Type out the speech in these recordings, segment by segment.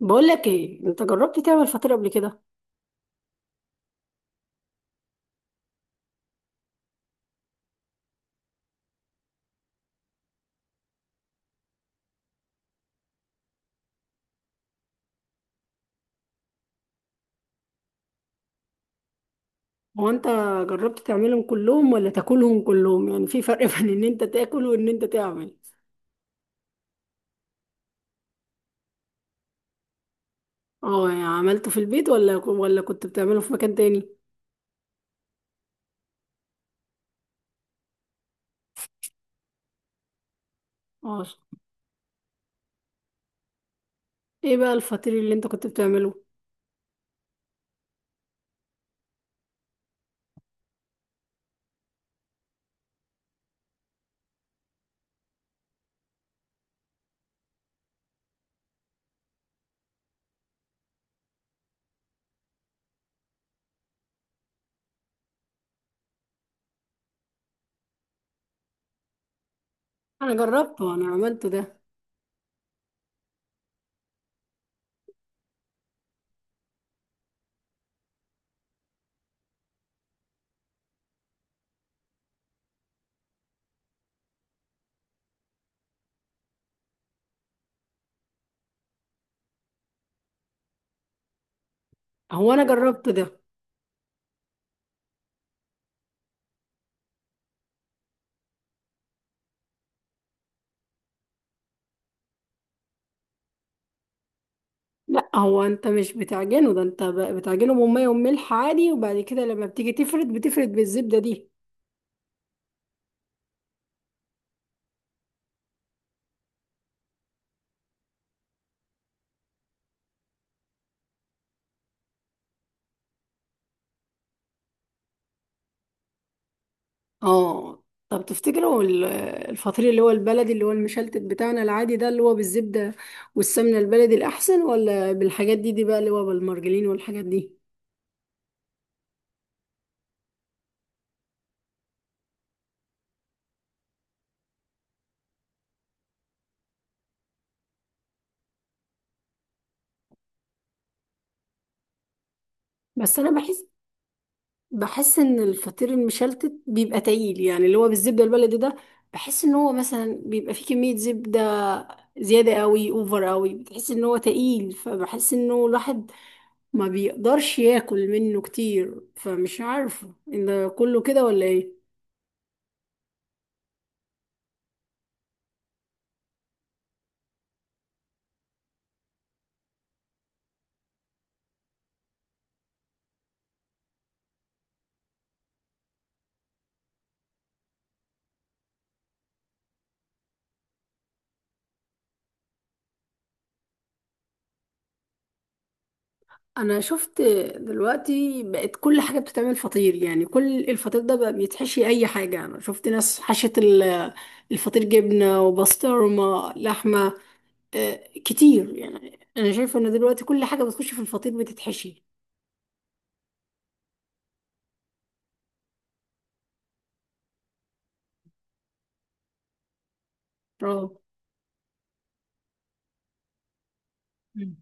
بقول لك ايه، انت جربت تعمل فطير قبل كده؟ هو انت جربت تعملهم كلهم ولا تاكلهم كلهم؟ يعني في فرق بين ان انت تاكل وان انت تعمل. اه، يعني عملته في البيت ولا كنت بتعمله في مكان تاني؟ اه، ايه بقى الفطير اللي انت كنت بتعمله؟ انا جربته، انا عملته ده. هو انا جربته ده. لا، هو انت مش بتعجنه ده. انت بتعجنه بميه وملح عادي، وبعد كده لما بتيجي تفرد بتفرد بالزبده دي. اه، طب تفتكروا الفطير اللي هو البلدي، اللي هو المشلتت بتاعنا العادي ده، اللي هو بالزبدة والسمنة البلدي الأحسن، ولا بالحاجات دي؟ دي بقى اللي هو بالمرجلين والحاجات دي. بس أنا بحس، بحس إن الفطير المشلتت بيبقى تقيل، يعني اللي هو بالزبدة البلدي ده. بحس إن هو مثلا بيبقى فيه كمية زبدة زيادة قوي، أوفر قوي. بتحس إن هو تقيل، فبحس إنه الواحد ما بيقدرش ياكل منه كتير. فمش عارفة إن ده كله كده ولا إيه؟ انا شفت دلوقتي بقت كل حاجه بتتعمل فطير، يعني كل الفطير ده بقى بيتحشي اي حاجه. انا شفت ناس حشت الفطير جبنه وبسطرمه لحمه. كتير، يعني انا شايفه ان دلوقتي كل حاجه بتخش في الفطير بتتحشي. اه، مم.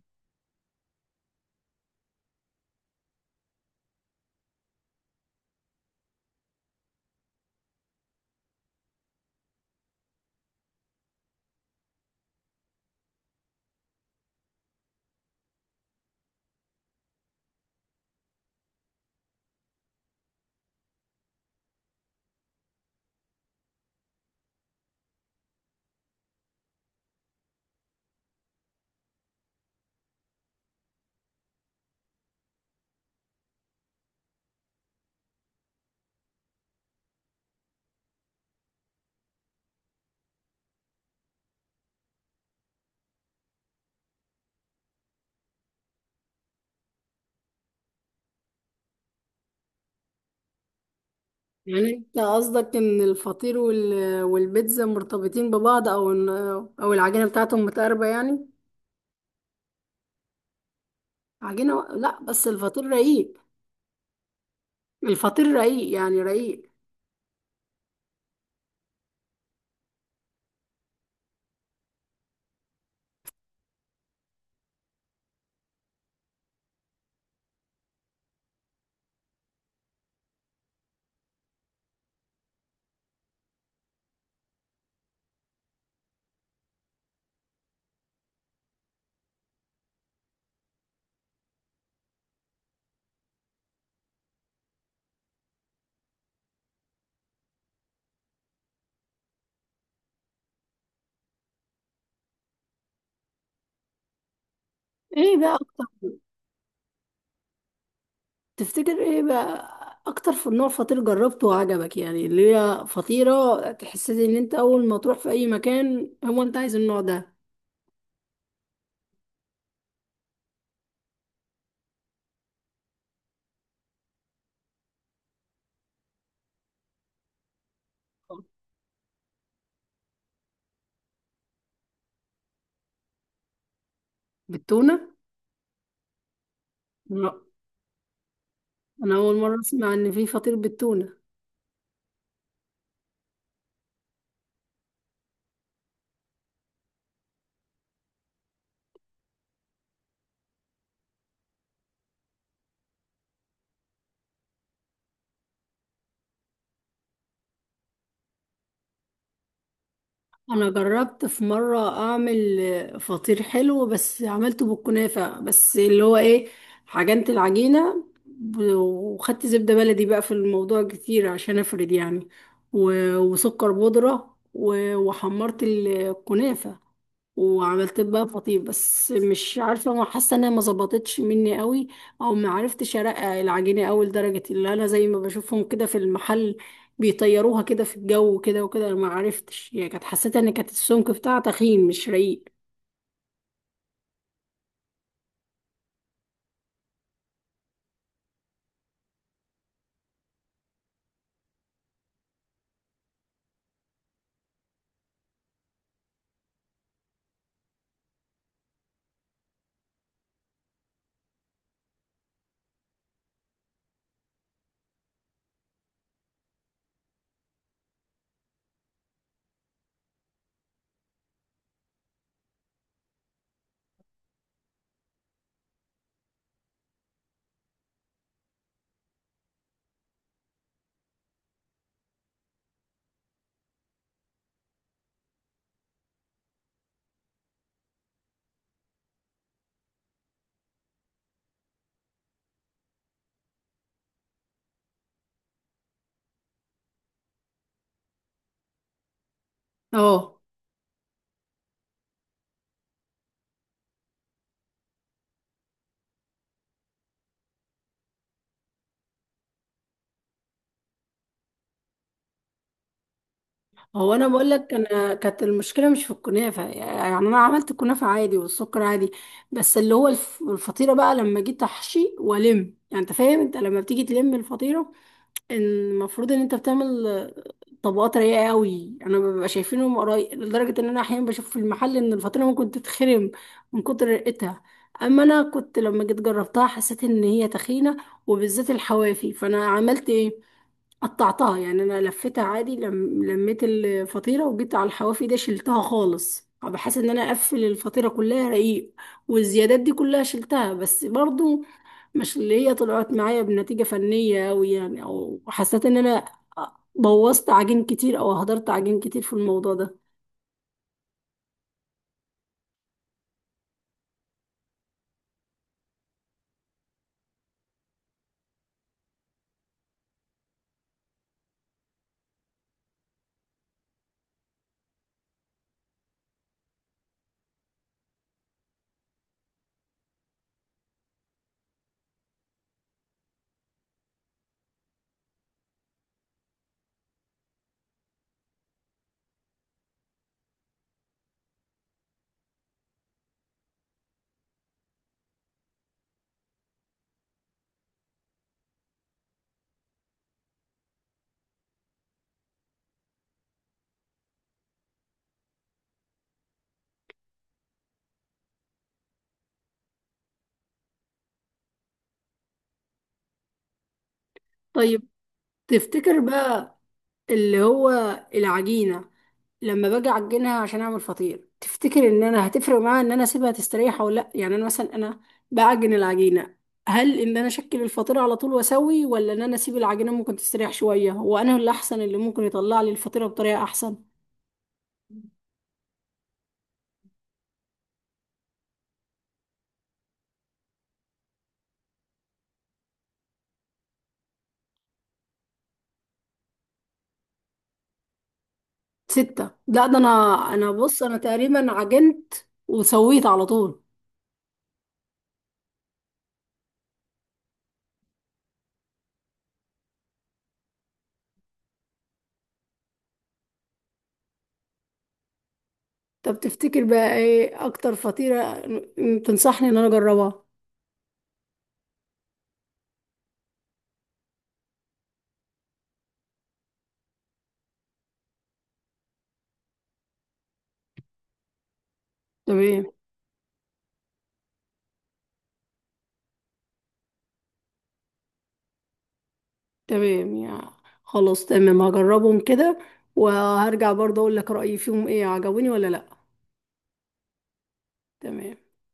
يعني انت قصدك ان الفطير والبيتزا مرتبطين ببعض، او ان او العجينه بتاعتهم متقاربه يعني؟ عجينه، لا بس الفطير رقيق. الفطير رقيق، يعني رقيق. ايه بقى؟ تفتكر ايه بقى اكتر نوع فطير جربته وعجبك؟ يعني اللي هي فطيرة تحسسي ان انت اول ما تروح في اي مكان هو انت عايز النوع ده. بالتونة؟ لا، انا اول مرة اسمع ان في فطير بالتونة. انا جربت في مره اعمل فطير حلو، بس عملته بالكنافه بس اللي هو ايه. عجنت العجينه وخدت زبده بلدي بقى في الموضوع كتير عشان افرد يعني، وسكر بودره، وحمرت الكنافه وعملت بقى فطير. بس مش عارفه، ما حاسه انها ما ظبطتش مني قوي، او ما عرفتش ارقق العجينه قوي لدرجه اللي انا زي ما بشوفهم كده في المحل. بيطيروها كده في الجو وكده وكده. انا ما عرفتش يعني، كانت حسيت ان كانت السمك بتاعها تخين مش رقيق. اه، هو انا بقول لك، انا كانت المشكله مش في الكنافه، يعني انا عملت الكنافه عادي والسكر عادي. بس اللي هو الفطيره بقى لما جيت احشي والم. يعني انت فاهم، انت لما بتيجي تلم الفطيره، المفروض ان انت بتعمل طبقات رايقه قوي. انا ببقى شايفينهم قريب لدرجه ان انا احيانا بشوف في المحل ان الفطيره ممكن تتخرم من كتر رقتها. اما انا كنت لما جيت جربتها حسيت ان هي تخينه، وبالذات الحوافي. فانا عملت ايه؟ قطعتها، يعني انا لفيتها عادي، لم... لميت الفطيره وجيت على الحوافي ده شلتها خالص، بحيث ان انا اقفل الفطيره كلها رقيق. والزيادات دي كلها شلتها، بس برضو مش اللي هي طلعت معايا بنتيجة فنية أوي. يعني أو حسيت إن أنا بوظت عجين كتير، أو هدرت عجين كتير في الموضوع ده. طيب، تفتكر بقى اللي هو العجينة لما باجي أعجنها عشان أعمل فطير، تفتكر إن أنا هتفرق معاها إن أنا أسيبها تستريح أو لأ؟ يعني أنا مثلا، أنا بعجن العجينة. هل إن أنا أشكل الفطير على طول وأسوي، ولا إن أنا أسيب العجينة ممكن تستريح شوية وأنا اللي أحسن، اللي ممكن يطلع لي الفطيرة بطريقة أحسن؟ ستة، لا ده انا بص، انا تقريبا عجنت وسويت على طول. طب تفتكر بقى ايه اكتر فطيرة تنصحني ان انا اجربها؟ تمام. تمام يا، خلاص تمام. هجربهم كده وهرجع برضه اقول لك رأيي فيهم، ايه عجبوني ولا لا؟ تمام.